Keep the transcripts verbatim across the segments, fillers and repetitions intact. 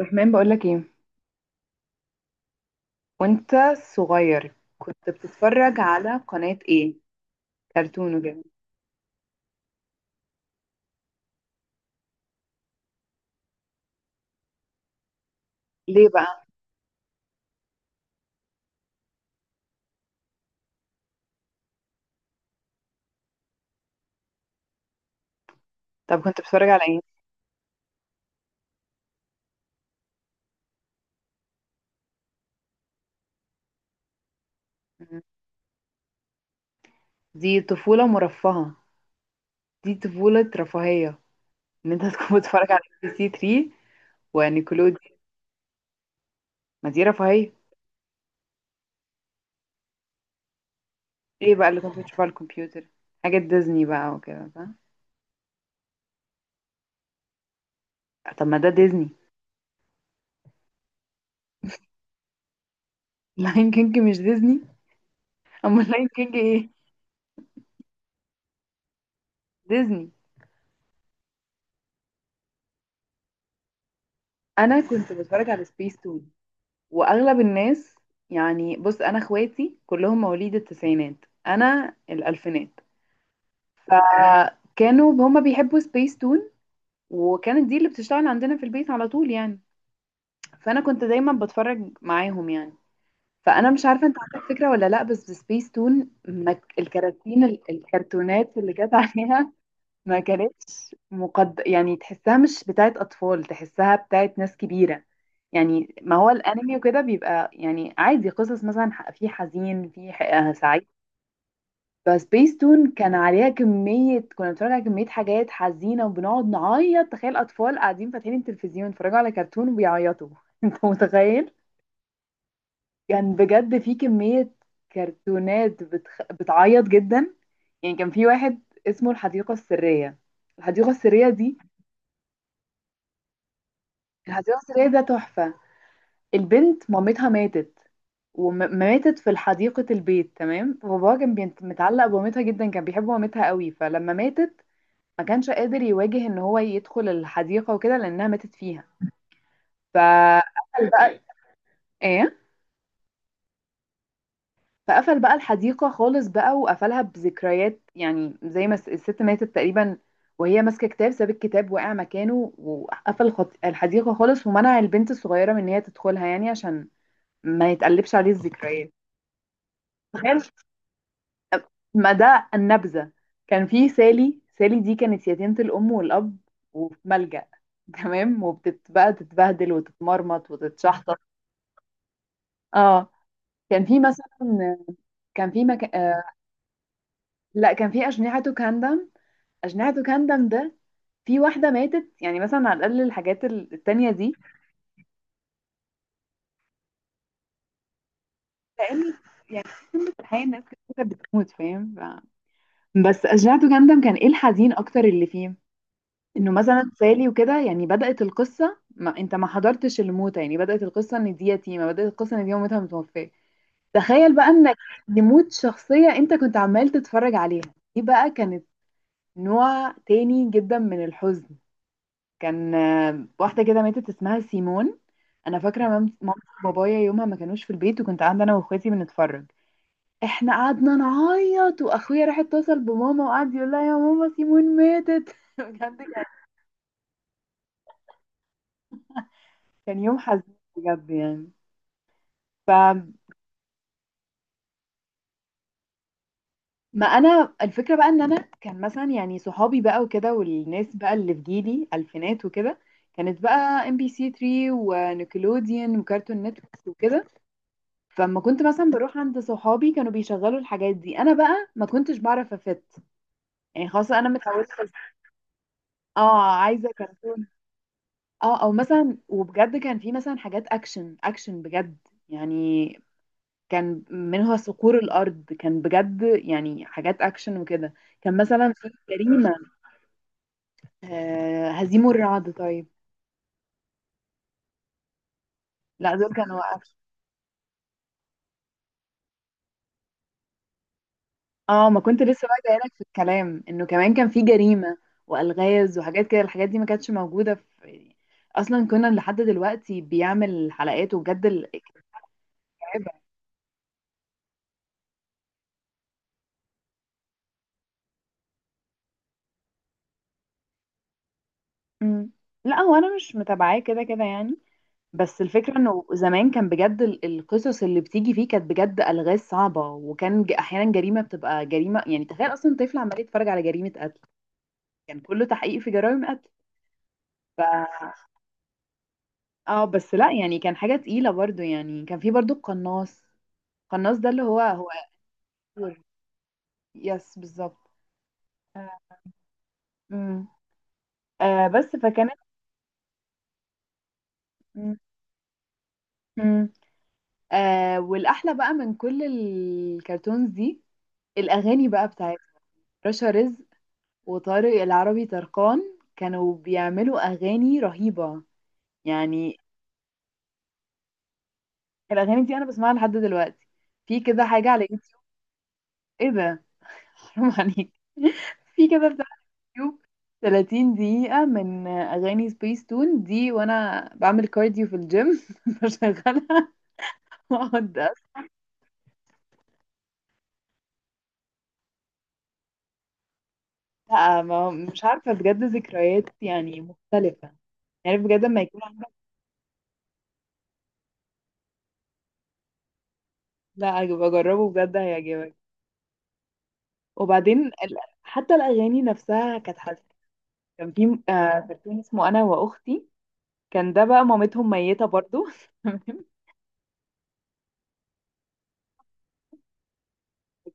رحمن، بقولك ايه؟ وانت صغير كنت بتتفرج على قناة ايه؟ كرتون وكده؟ ليه بقى؟ طب كنت بتتفرج على ايه؟ مم. دي طفولة مرفهة. دي طفولة رفاهية. ان انت تكون بتتفرج على ام بي سي ثلاثة ونيكلوديان. ما دي رفاهية. ايه بقى اللي كنت بتشوفه على الكمبيوتر؟ حاجة ديزني بقى وكده، فاهم؟ طب ما ده ديزني. لاين كينج مش ديزني؟ امال لاين كينج ايه؟ ديزني. انا كنت بتفرج على سبيس تون واغلب الناس. يعني بص، انا اخواتي كلهم مواليد التسعينات، انا الالفينات. كانوا هما بيحبوا سبيس تون، وكانت دي اللي بتشتغل عندنا في البيت على طول يعني. فانا كنت دايما بتفرج معاهم يعني. فانا مش عارفه انت عندك فكره ولا لا، بس سبيس تون ما ك- الكراتين ال- الكرتونات اللي كانت عليها ما كانتش مقد... يعني تحسها مش بتاعت أطفال، تحسها بتاعت ناس كبيرة. يعني ما هو الأنمي وكده بيبقى يعني عادي، قصص مثلا، ح- في حزين، في ح- آه سعيد. بس تون كان عليها كمية، كنا بنتفرج على كمية حاجات حزينة وبنقعد نعيط. تخيل أطفال قاعدين فاتحين التلفزيون يتفرجوا على كرتون وبيعيطوا أنت متخيل؟ كان بجد في كمية كرتونات بتخ... بتعيط جدا. يعني كان في واحد اسمه الحديقة السرية. الحديقة السرية دي، الحديقة السرية ده تحفة. البنت مامتها ماتت، وماتت في حديقة البيت، تمام؟ باباها كان بيت- متعلق بمامتها جدا، كان بيحب مامتها قوي، فلما ماتت ما كانش قادر يواجه ان هو يدخل الحديقة وكده لانها ماتت فيها، فقفل بقى. ايه؟ فقفل بقى الحديقة خالص بقى، وقفلها بذكريات يعني زي ما الس- الست ماتت تقريبا وهي ماسكة كتاب، ساب الكتاب وقع مكانه، وقفل خط- الحديقة خالص، ومنع البنت الصغيرة من ان هي تدخلها يعني، عشان ما يتقلبش عليه الذكريات. تخيل، ما ده النبذة. كان في سالي. سالي دي كانت يتيمة الأم والأب وفي ملجأ، تمام؟ وبتبقى تتبهدل وتتمرمط وتتشحطط. اه. كان في مثلا. كان في مك... آه. لا، كان في أجنحة كاندم. أجنحة كاندم ده، في واحدة ماتت يعني مثلا، على الأقل الحاجات ال- التانية دي. لأن يعني، في الحقيقة الناس كانت بتموت، فاهم؟ ف... بس أجنحة كاندم كان إيه الحزين أكتر اللي فيه؟ انه مثلا سالي وكده يعني، بدأت القصة، ما انت ما حضرتش الموتة، يعني بدأت القصة ان دي يتيمة، بدأت القصة ان دي مامتها متوفية. تخيل بقى انك يموت شخصية انت كنت عمال تتفرج عليها. دي بقى كانت نوع تاني جدا من الحزن. كان آه، واحدة كده ماتت اسمها سيمون. انا فاكرة مام- مامتي وبابايا يومها ما كانوش في البيت، وكنت قاعدة انا واخواتي بنتفرج. احنا قعدنا نعيط، واخويا راح اتصل بماما وقعد يقول لها: يا ماما، سيمون ماتت بجد كان كان يوم حزين بجد يعني. فما انا الفكره بقى ان انا كان مثلا يعني صحابي بقى وكده، والناس بقى اللي في جيلي الفينات وكده، كانت بقى ام بي سي ثلاثة ونيكلوديان وكارتون نتورك وكده. فلما كنت مثلا بروح عند صحابي، كانوا بيشغلوا الحاجات دي، انا بقى ما كنتش بعرف افت يعني، خلاص انا متعوده. اه، عايزه كرتون. اه او مثلا، وبجد كان في مثلا حاجات اكشن اكشن بجد. يعني كان منها صقور الارض، كان بجد يعني حاجات اكشن وكده. كان مثلا في جريمة. آه، هزيم الرعد. طيب. لا، دول كانوا أكشن. اه، ما كنت لسه بقى جايلك في الكلام، انه كمان كان في جريمة والغاز وحاجات كده. الحاجات دي ما كانتش موجودة في يعني، اصلا كنا لحد دلوقتي بيعمل حلقات، وبجد ال- كانت مرعبة. مم. لا، هو انا مش متابعاه كده كده يعني. بس الفكرة انه زمان كان بجد ال- القصص اللي بتيجي فيه كانت بجد الغاز صعبة، وكان ج- احيانا جريمة بتبقى جريمة يعني، تخيل اصلا طفل عمال يتفرج على جريمة قتل. كان كله تحقيق في جرائم قتل. اه بس لا يعني، كان حاجة تقيلة برضو يعني، كان في برضو القناص. القناص ده اللي هو هو. يس بالظبط. آه. مم. آه بس فكانت. مم. مم. آه والأحلى بقى من كل الكرتونز دي، الأغاني بقى بتاعت رشا رزق وطارق العربي طرقان، كانوا بيعملوا أغاني رهيبة يعني. الأغاني دي أنا بسمعها لحد دلوقتي. في كده حاجة على يوتيوب. إيه ده؟ حرام عليك في كده يوتيوب ثلاتين دقيقة من أغاني سبيس تون دي، وأنا بعمل كارديو في الجيم بشغلها وأقعد أسمع. ما هو- مش عارفة بجد، ذكريات يعني مختلفة يعني بجد، لما يكون عندك. لا، بجربه بجد هيعجبك. وبعدين ال- حتى الأغاني نفسها كانت حلوة. كان في م- آه، كرتون اسمه أنا وأختي. كان ده بقى مامتهم ميتة برضو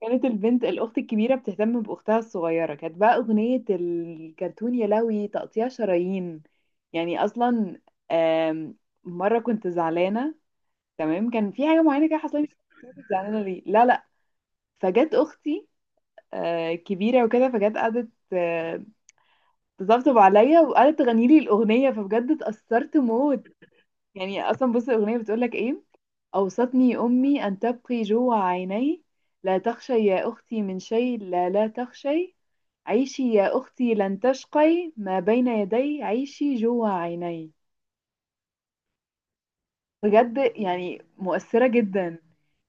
كانت البنت الأخت الكبيرة بتهتم بأختها الصغيرة، كانت بقى أغنية الكرتون، يا لهوي تقطيع شرايين. يعني أصلا، آم، مرة كنت زعلانة، تمام؟ كان في حاجة معينة كده حصلت لي، مش فاكرة كنت زعلانة ليه. لا لا. فجت أختي، آه، كبيرة وكده، فجت قعدت آه، تطبطب عليا، وقعدت تغني لي الأغنية، فبجد اتأثرت موت. يعني اصلا بص، الاغنيه بتقول لك ايه: اوصتني امي ان تبقي جوع عيني، لا تخشي يا اختي من شيء، لا لا تخشي، عيشي يا اختي لن تشقي، ما بين يدي عيشي جوع عيني. بجد يعني مؤثره جدا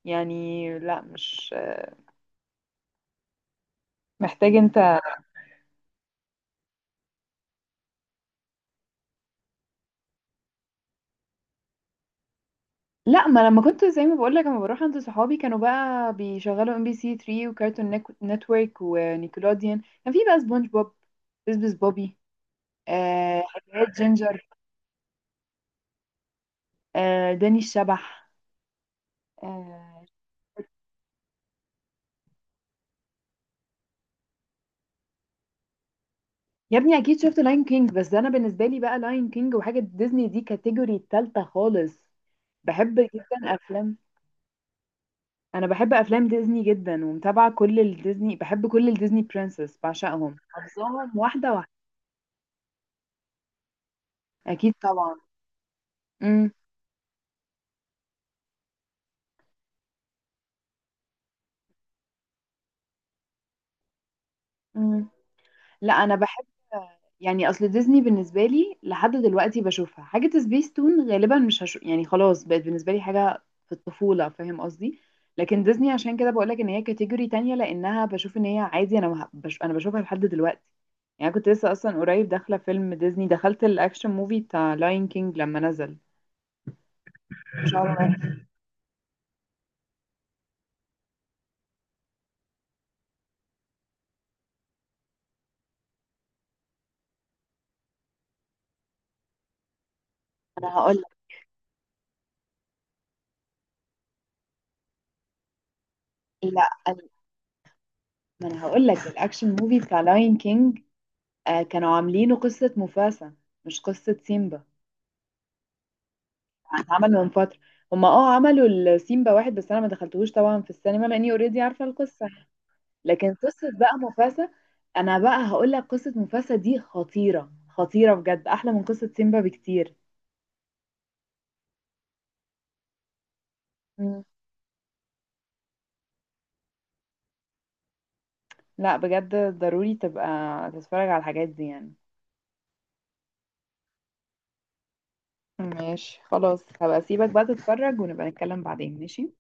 يعني. لا، مش محتاج انت. لا، ما لما كنت زي ما بقول لك، لما بروح عند صحابي كانوا بقى بيشغلوا ام بي سي ثلاثة وكارتون نيك- نتورك ونيكلوديان، كان في بقى سبونج بوب، بسبس بوبي، آه حكايات جينجر، آه داني الشبح، آه. يا ابني، اكيد شفت لاين كينج. بس ده انا بالنسبه لي بقى، لاين كينج وحاجه ديزني دي كاتيجوري التالتة خالص. بحب جدا افلام. انا بحب افلام ديزني جدا ومتابعه كل الديزني، بحب كل الديزني برنسس بعشقهم حافظاهم واحده واحده. اكيد طبعا. امم. لا، انا بحب. يعني اصل ديزني بالنسبه لي لحد دلوقتي بشوفها حاجه. سبيس تون غالبا مش هشوف يعني، خلاص بقت بالنسبه لي حاجه في الطفوله، فاهم قصدي؟ لكن ديزني عشان كده بقول لك ان هي كاتيجوري تانية، لانها بشوف ان هي عادي. انا مه- بش... انا بشوفها لحد دلوقتي. يعني كنت لسه اصلا قريب داخله فيلم ديزني، دخلت الاكشن موفي بتاع لاين كينج لما نزل. مش عارفه. انا هقول لك. لا، أنا- ما انا هقول لك، الاكشن موفي بتاع لاين كينج آه كانوا عاملينه قصه مفاسا، مش قصه سيمبا. اتعمل من فترة. هما اه عملوا السيمبا واحد، بس انا ما دخلتهوش طبعا في السينما لاني اوريدي عارفة القصة. لكن قصة بقى مفاسة. انا بقى هقول لك، قصة مفاسة دي خطيرة خطيرة بجد، احلى من قصة سيمبا بكتير. مم. لا بجد، ضروري تبقى تتفرج على الحاجات دي يعني. ماشي، خلاص هبقى اسيبك بقى تتفرج، ونبقى نتكلم بعدين. ماشي.